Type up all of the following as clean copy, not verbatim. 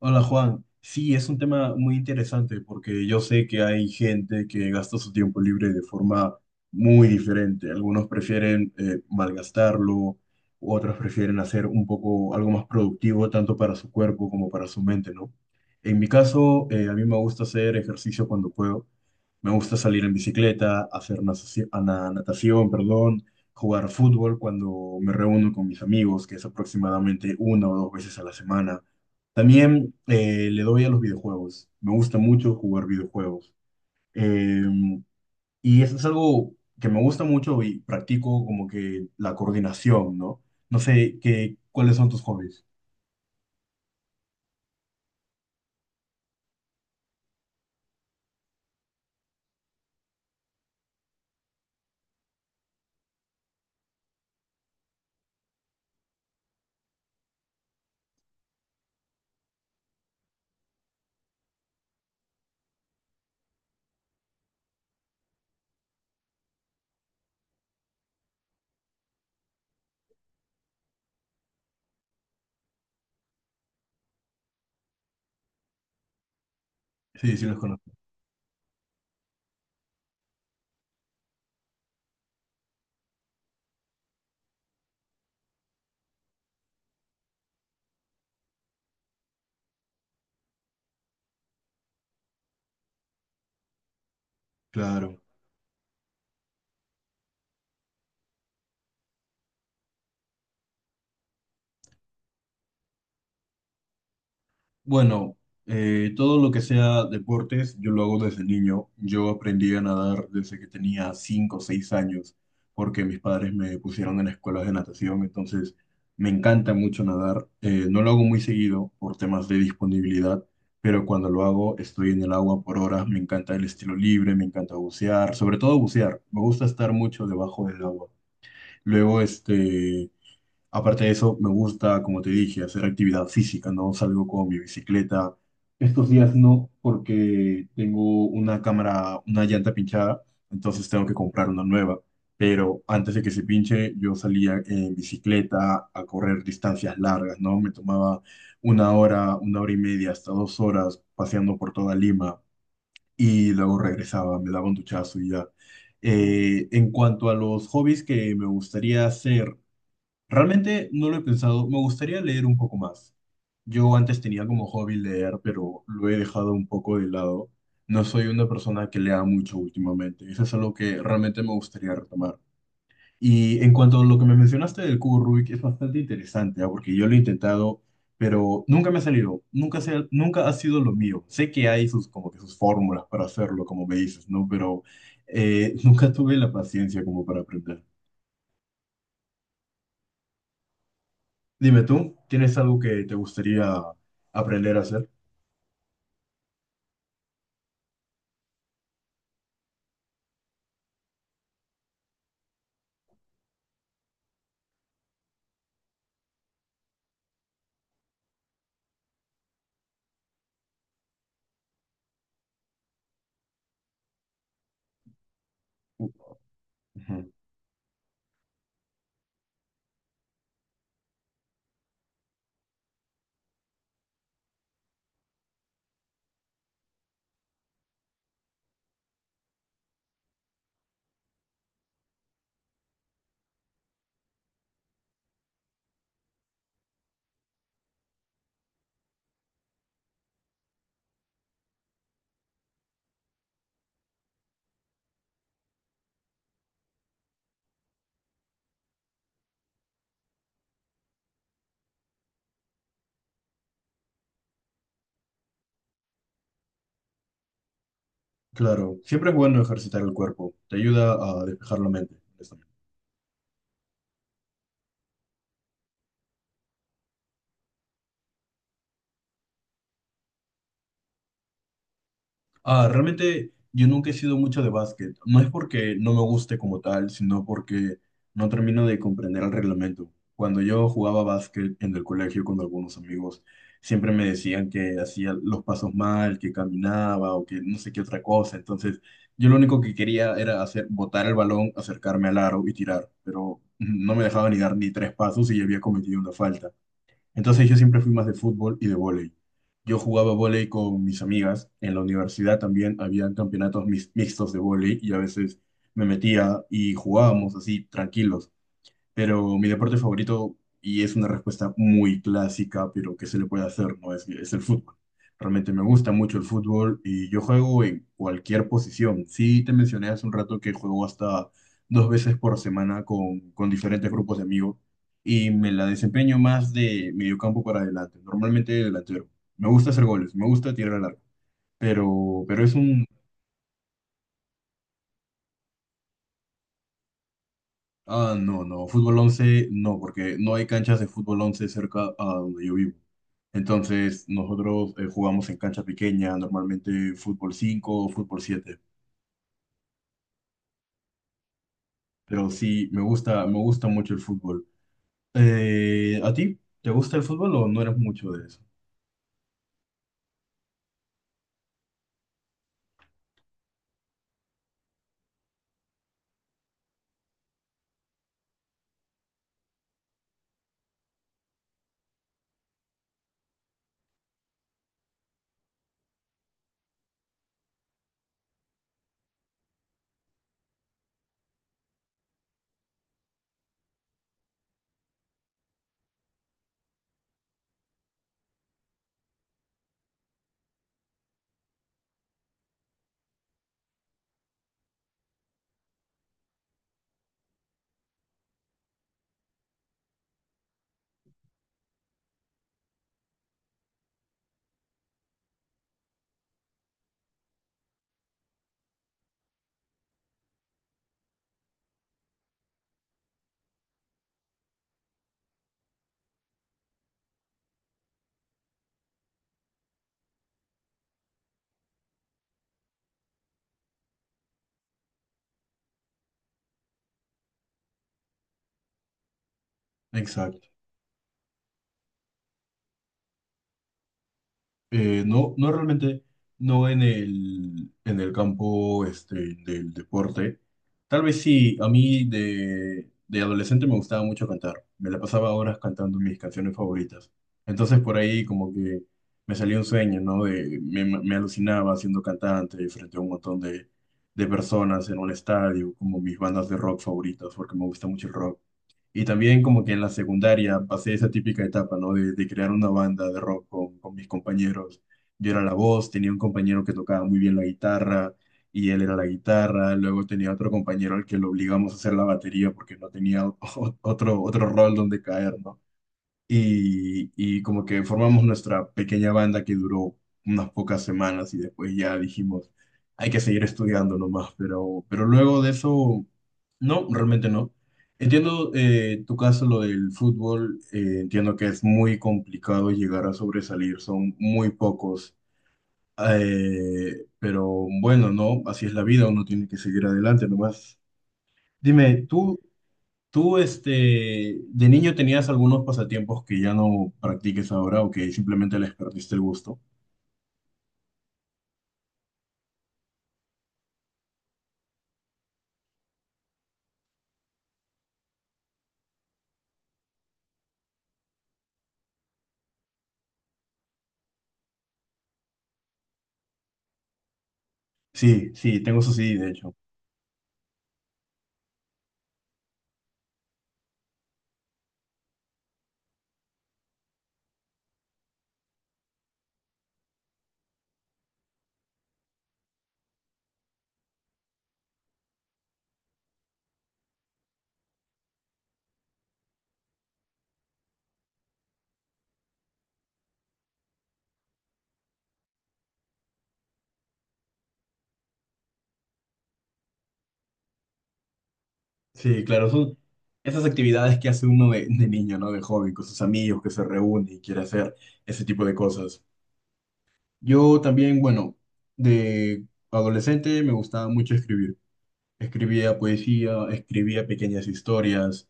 Hola Juan, sí, es un tema muy interesante porque yo sé que hay gente que gasta su tiempo libre de forma muy diferente. Algunos prefieren malgastarlo, otros prefieren hacer un poco algo más productivo tanto para su cuerpo como para su mente, ¿no? En mi caso, a mí me gusta hacer ejercicio cuando puedo. Me gusta salir en bicicleta, hacer natación, perdón, jugar fútbol cuando me reúno con mis amigos, que es aproximadamente una o dos veces a la semana. También le doy a los videojuegos. Me gusta mucho jugar videojuegos. Eh, y eso es algo que me gusta mucho y practico como que la coordinación, ¿no? ¿Cuáles son tus hobbies? Sí, sí los conozco. Claro. Bueno, todo lo que sea deportes, yo lo hago desde niño. Yo aprendí a nadar desde que tenía 5 o 6 años, porque mis padres me pusieron en escuelas de natación, entonces me encanta mucho nadar. No lo hago muy seguido por temas de disponibilidad, pero cuando lo hago estoy en el agua por horas, me encanta el estilo libre, me encanta bucear, sobre todo bucear, me gusta estar mucho debajo del agua. Luego, este... Aparte de eso, me gusta, como te dije, hacer actividad física, ¿no? Salgo con mi bicicleta. Estos días no, porque tengo una cámara, una llanta pinchada, entonces tengo que comprar una nueva. Pero antes de que se pinche, yo salía en bicicleta a correr distancias largas, ¿no? Me tomaba una hora y media, hasta 2 horas paseando por toda Lima y luego regresaba, me daba un duchazo y ya. En cuanto a los hobbies que me gustaría hacer, realmente no lo he pensado, me gustaría leer un poco más. Yo antes tenía como hobby leer, pero lo he dejado un poco de lado. No soy una persona que lea mucho últimamente. Eso es algo que realmente me gustaría retomar. Y en cuanto a lo que me mencionaste del cubo Rubik, es bastante interesante, ¿ah? Porque yo lo he intentado, pero nunca me ha salido. Nunca, nunca ha sido lo mío. Sé que hay sus, como que sus fórmulas para hacerlo, como me dices, ¿no? Pero nunca tuve la paciencia como para aprender. Dime tú, ¿tienes algo que te gustaría aprender a hacer? Ujú. Claro, siempre es bueno ejercitar el cuerpo, te ayuda a despejar la mente. Ah, realmente yo nunca he sido mucho de básquet. No es porque no me guste como tal, sino porque no termino de comprender el reglamento. Cuando yo jugaba básquet en el colegio con algunos amigos, siempre me decían que hacía los pasos mal, que caminaba o que no sé qué otra cosa. Entonces, yo lo único que quería era hacer, botar el balón, acercarme al aro y tirar, pero no me dejaba ni dar ni tres pasos y ya había cometido una falta. Entonces yo siempre fui más de fútbol y de vóley. Yo jugaba vóley con mis amigas. En la universidad también había campeonatos mixtos de vóley y a veces me metía y jugábamos así tranquilos. Pero mi deporte favorito, y es una respuesta muy clásica, pero que se le puede hacer, ¿no? Es el fútbol. Realmente me gusta mucho el fútbol y yo juego en cualquier posición. Sí, te mencioné hace un rato que juego hasta dos veces por semana con diferentes grupos de amigos y me la desempeño más de mediocampo para adelante, normalmente delantero. Me gusta hacer goles, me gusta tirar al arco, pero es un... Ah, no, no, fútbol 11 no, porque no hay canchas de fútbol 11 cerca a donde yo vivo. Entonces, nosotros jugamos en cancha pequeña, normalmente fútbol 5 o fútbol siete. Pero sí, me gusta mucho el fútbol. ¿A ti? ¿Te gusta el fútbol o no eres mucho de eso? Exacto. No, no realmente, no en el campo este, del deporte. Tal vez sí, a mí de adolescente me gustaba mucho cantar. Me la pasaba horas cantando mis canciones favoritas. Entonces por ahí como que me salía un sueño, ¿no? Me alucinaba siendo cantante frente a un montón de personas en un estadio, como mis bandas de rock favoritas, porque me gusta mucho el rock. Y también como que en la secundaria pasé esa típica etapa, ¿no? De crear una banda de rock con mis compañeros. Yo era la voz, tenía un compañero que tocaba muy bien la guitarra y él era la guitarra. Luego tenía otro compañero al que lo obligamos a hacer la batería porque no tenía otro rol donde caer, ¿no? Y como que formamos nuestra pequeña banda que duró unas pocas semanas y después ya dijimos, hay que seguir estudiando nomás, pero luego de eso, no, realmente no. Entiendo tu caso, lo del fútbol, entiendo que es muy complicado llegar a sobresalir, son muy pocos. Pero bueno, no, así es la vida, uno tiene que seguir adelante nomás. Dime, ¿tú ¿Tú, de niño tenías algunos pasatiempos que ya no practiques ahora o que simplemente les perdiste el gusto? Sí, sí, tengo eso sí, de hecho. Sí, claro, son esas actividades que hace uno de niño, ¿no? De joven, con sus amigos que se reúne y quiere hacer ese tipo de cosas. Yo también, bueno, de adolescente me gustaba mucho escribir. Escribía poesía, escribía pequeñas historias.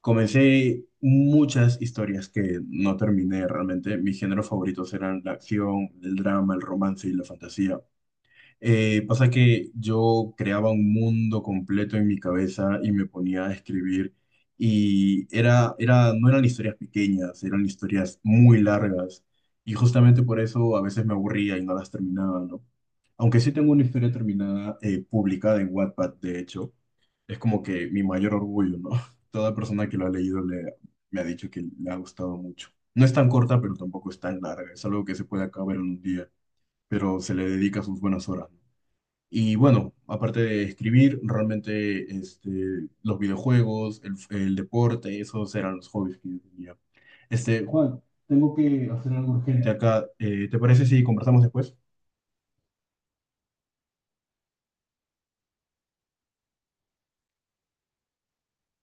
Comencé muchas historias que no terminé realmente. Mis géneros favoritos eran la acción, el drama, el romance y la fantasía. Pasa que yo creaba un mundo completo en mi cabeza y me ponía a escribir y no eran historias pequeñas, eran historias muy largas y justamente por eso a veces me aburría y no las terminaba, ¿no? Aunque sí tengo una historia terminada publicada en Wattpad, de hecho es como que mi mayor orgullo, ¿no? Toda persona que lo ha leído le, me ha dicho que le ha gustado mucho. No es tan corta, pero tampoco es tan larga. Es algo que se puede acabar en un día, pero se le dedica sus buenas horas, ¿no? Y bueno, aparte de escribir, realmente este, los videojuegos, el deporte, esos eran los hobbies que yo tenía. Este, Juan, tengo que hacer algo urgente acá. ¿Te parece si conversamos después?